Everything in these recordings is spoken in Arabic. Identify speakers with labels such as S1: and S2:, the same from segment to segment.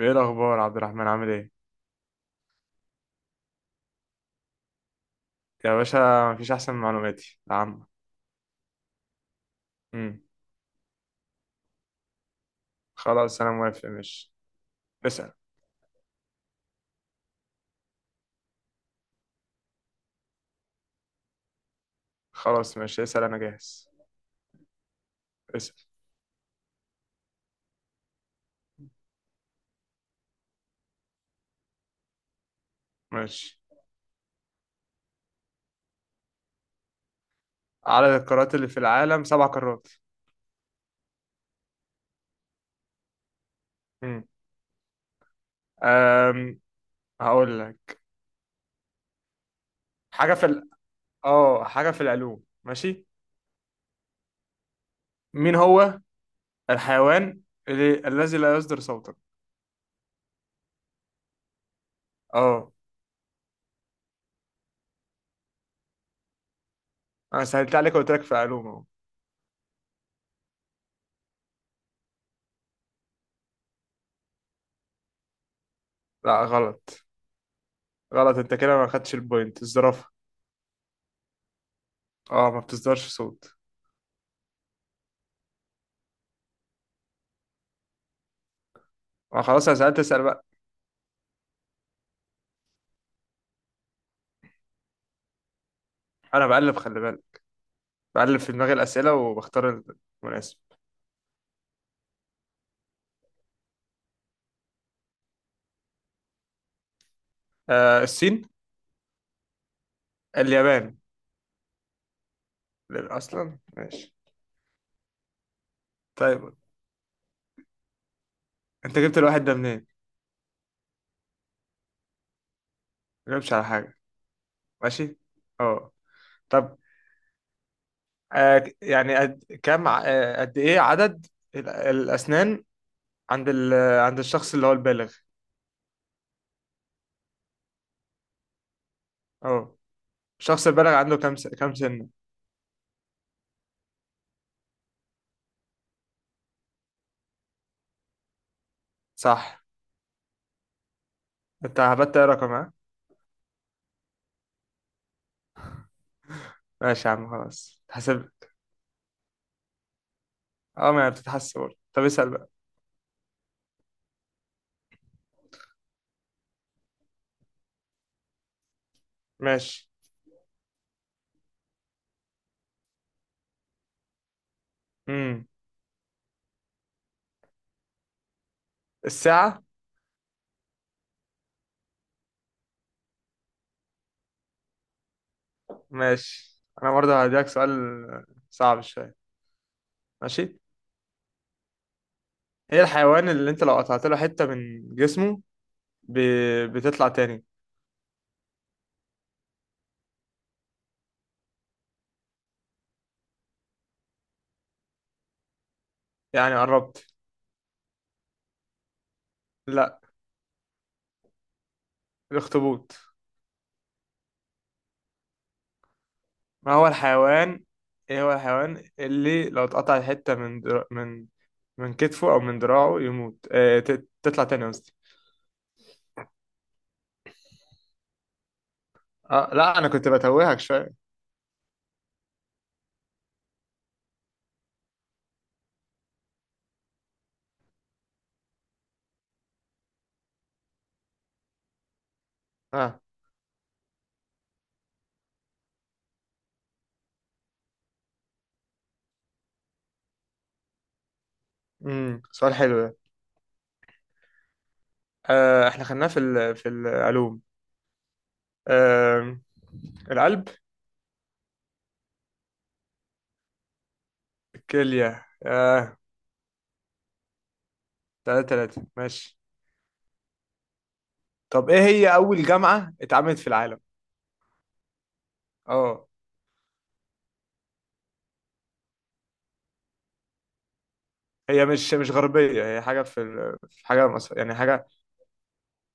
S1: ايه الاخبار عبد الرحمن، عامل ايه؟ يا باشا، مفيش احسن من معلوماتي العامة. امم خلاص انا موافق، ماشي. اسال. خلاص ماشي اسال، انا جاهز. اسال ماشي. عدد القارات اللي في العالم سبع قارات. امم أم... هقول لك. حاجة في ال... اه حاجة في العلوم ماشي. مين هو الحيوان الذي لا يصدر صوتا؟ اه، انا سهلت عليك وقلت لك في العلوم اهو. لا غلط. غلط انت كده، ما خدتش البوينت. الزرافة. اه، ما بتصدرش صوت. ما خلاص، انا سألت، اسأل بقى. انا بقلب، خلي بالك، بقلب في دماغي الاسئله وبختار المناسب. آه الصين. اليابان. اصلا ماشي. طيب. انت جبت الواحد ده منين؟ ما جبتش على حاجه. ماشي. اه. طب. آه يعني قد كم ع- آه، قد ايه عدد الاسنان عند عند الشخص اللي هو البالغ؟ اه، الشخص البالغ عنده كم سنه؟ صح. انت هبت ايه رقم، ها؟ ماشي يا عم، خلاص تحسب. اه، ما هي بتتحسب. طب اسال بقى. ماشي. امم الساعه. ماشي، انا برضه هديك سؤال صعب شويه. ماشي. ايه الحيوان اللي انت لو قطعت له حته من جسمه ب... بتطلع تاني؟ يعني قربت. لا. الاخطبوط. ما هو الحيوان. ايه هو الحيوان اللي لو اتقطع حته من من كتفه او من دراعه يموت، تطلع تاني قصدي. اه لا، انا كنت بتوهك شويه. اه، سؤال حلو ده. آه، احنا خدناه في العلوم. آه، القلب. الكليه آه. تلاتة تلاتة ماشي. طب ايه هي أول جامعة اتعملت في العالم؟ اه، هي مش غربية، هي في حاجة مصر، يعني حاجة.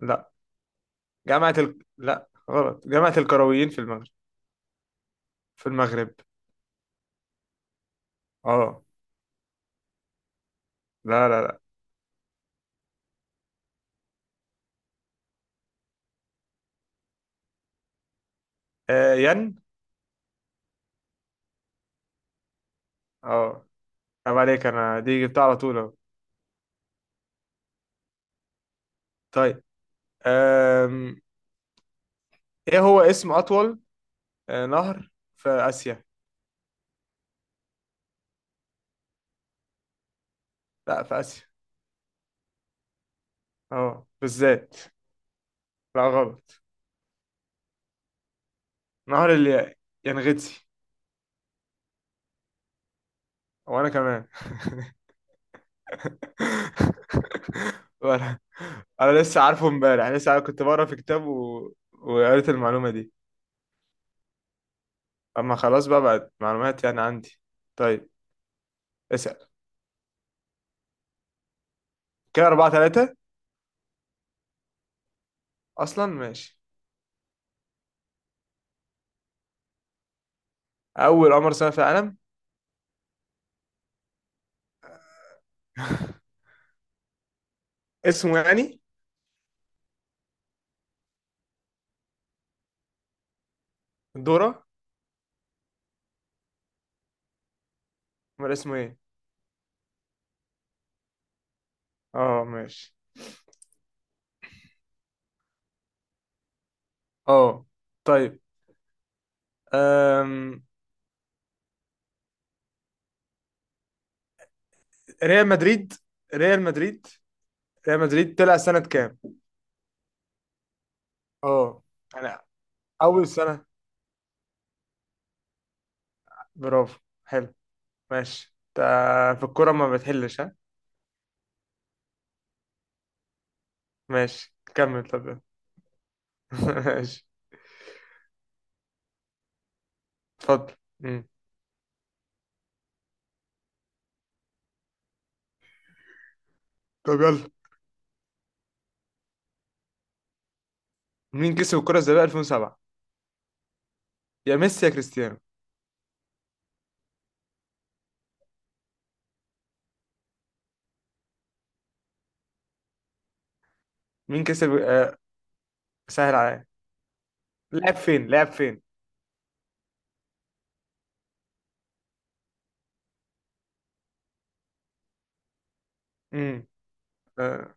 S1: لا. لا غلط، جامعة القرويين في المغرب. في المغرب. اه. لا لا لا. آه ين. اه. طب عليك، انا دي جبتها على طول اهو. طيب. آم... ايه هو اسم أطول نهر في آسيا؟ لا، في آسيا. اه بالذات. لا غلط، نهر اليانغتسي. وانا كمان ولا. انا لسه عارفه، امبارح لسه عارف، كنت بقرا في كتاب وقريت المعلومه دي. اما خلاص بقى، بقت معلومات يعني عندي. طيب. اسال. كده أربعة ثلاثة. اصلا ماشي. اول قمر صنع في العالم. اسمه يعني. دورة. امال اسمه ايه؟ اه، ماشي. اه، طيب. أم... ريال مدريد. ريال مدريد ريال مدريد طلع سنة كام؟ اه، انا. اول سنة. برافو. حلو. ماشي انت. في الكورة ما بتحلش، ها؟ ماشي كمل طب. ماشي، اتفضل. مم. طب يلا، مين كسب الكرة الذهبية 2007؟ يا ميسي يا كريستيانو. مين كسب؟ سهل عليا. لعب فين؟ لعب فين؟ امم اه،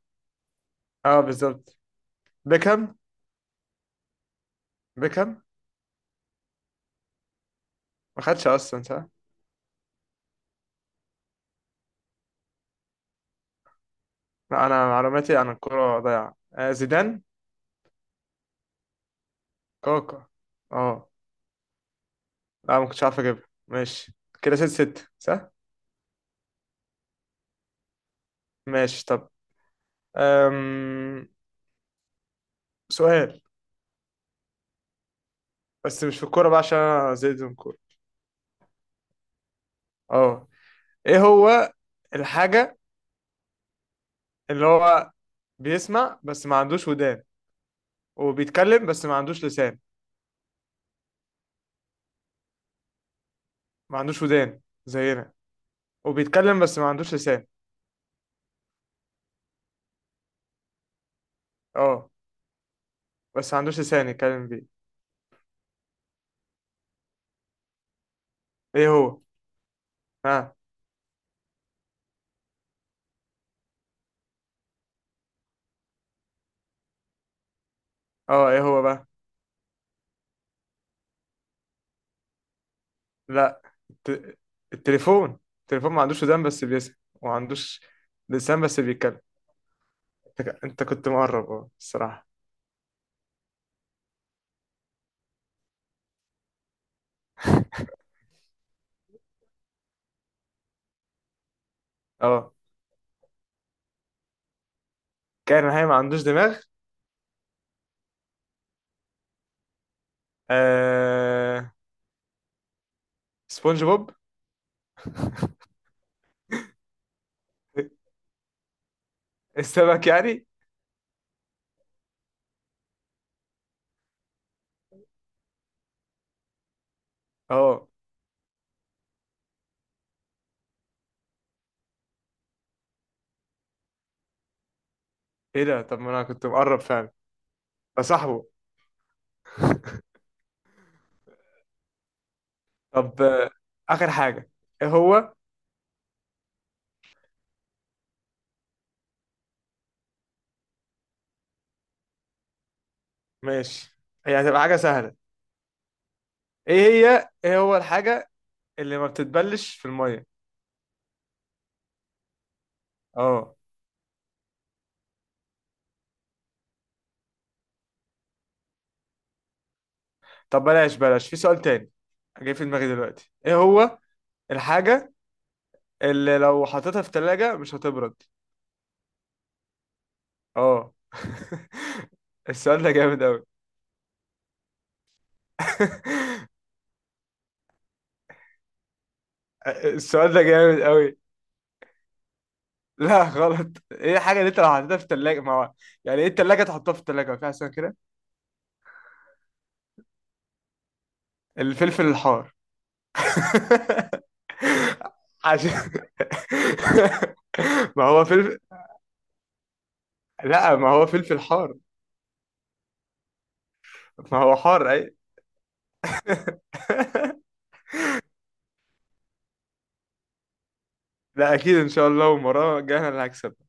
S1: آه بالظبط. بيكهام. بيكهام. ما خدش اصلا صح. لا. انا معلوماتي عن الكرة ضايعة. زيدان. كاكا. اه. لا، ما كنتش عارف اجيبها. ماشي. كده ست ست صح. ماشي طب. أم... سؤال، بس مش في الكورة بقى، عشان انا زهقت من الكورة. اه. ايه هو الحاجة اللي هو بيسمع بس ما عندوش ودان، وبيتكلم بس ما عندوش لسان؟ ما عندوش ودان زينا، وبيتكلم بس ما عندوش لسان. اه، بس ما عندوش لسان يتكلم بيه. ايه هو؟ ها؟ اه. ايه هو بقى؟ لا. الت... التليفون ما عندوش ودان بس بيسمع، وما عندوش لسان بس بيتكلم. أنت كنت مقرب، اه، الصراحة. اه. كائن حي ما عندوش دماغ. آه... سبونج بوب. السمك يعني. اه، ايه ده؟ طب ما انا كنت مقرب فعلا. ده صاحبه. طب اخر حاجه. ايه هو؟ ماشي. هي هتبقى حاجه سهله. ايه هو الحاجه اللي ما بتتبلش في الميه؟ اه. طب بلاش بلاش، في سؤال تاني جاي في دماغي دلوقتي. ايه هو الحاجه اللي لو حطيتها في تلاجة مش هتبرد؟ اه السؤال ده جامد قوي. السؤال ده جامد قوي. لا غلط. ايه الحاجة اللي انت لو حطيتها في التلاجة؟ ما هو يعني ايه التلاجة، تحطها في التلاجة ما في احسن كده. الفلفل الحار. عشان ما هو فلفل. لا، ما هو فلفل حار، ما هو حار اي. لا اكيد ان شاء الله، ومرة جاي انا اللي هكسب.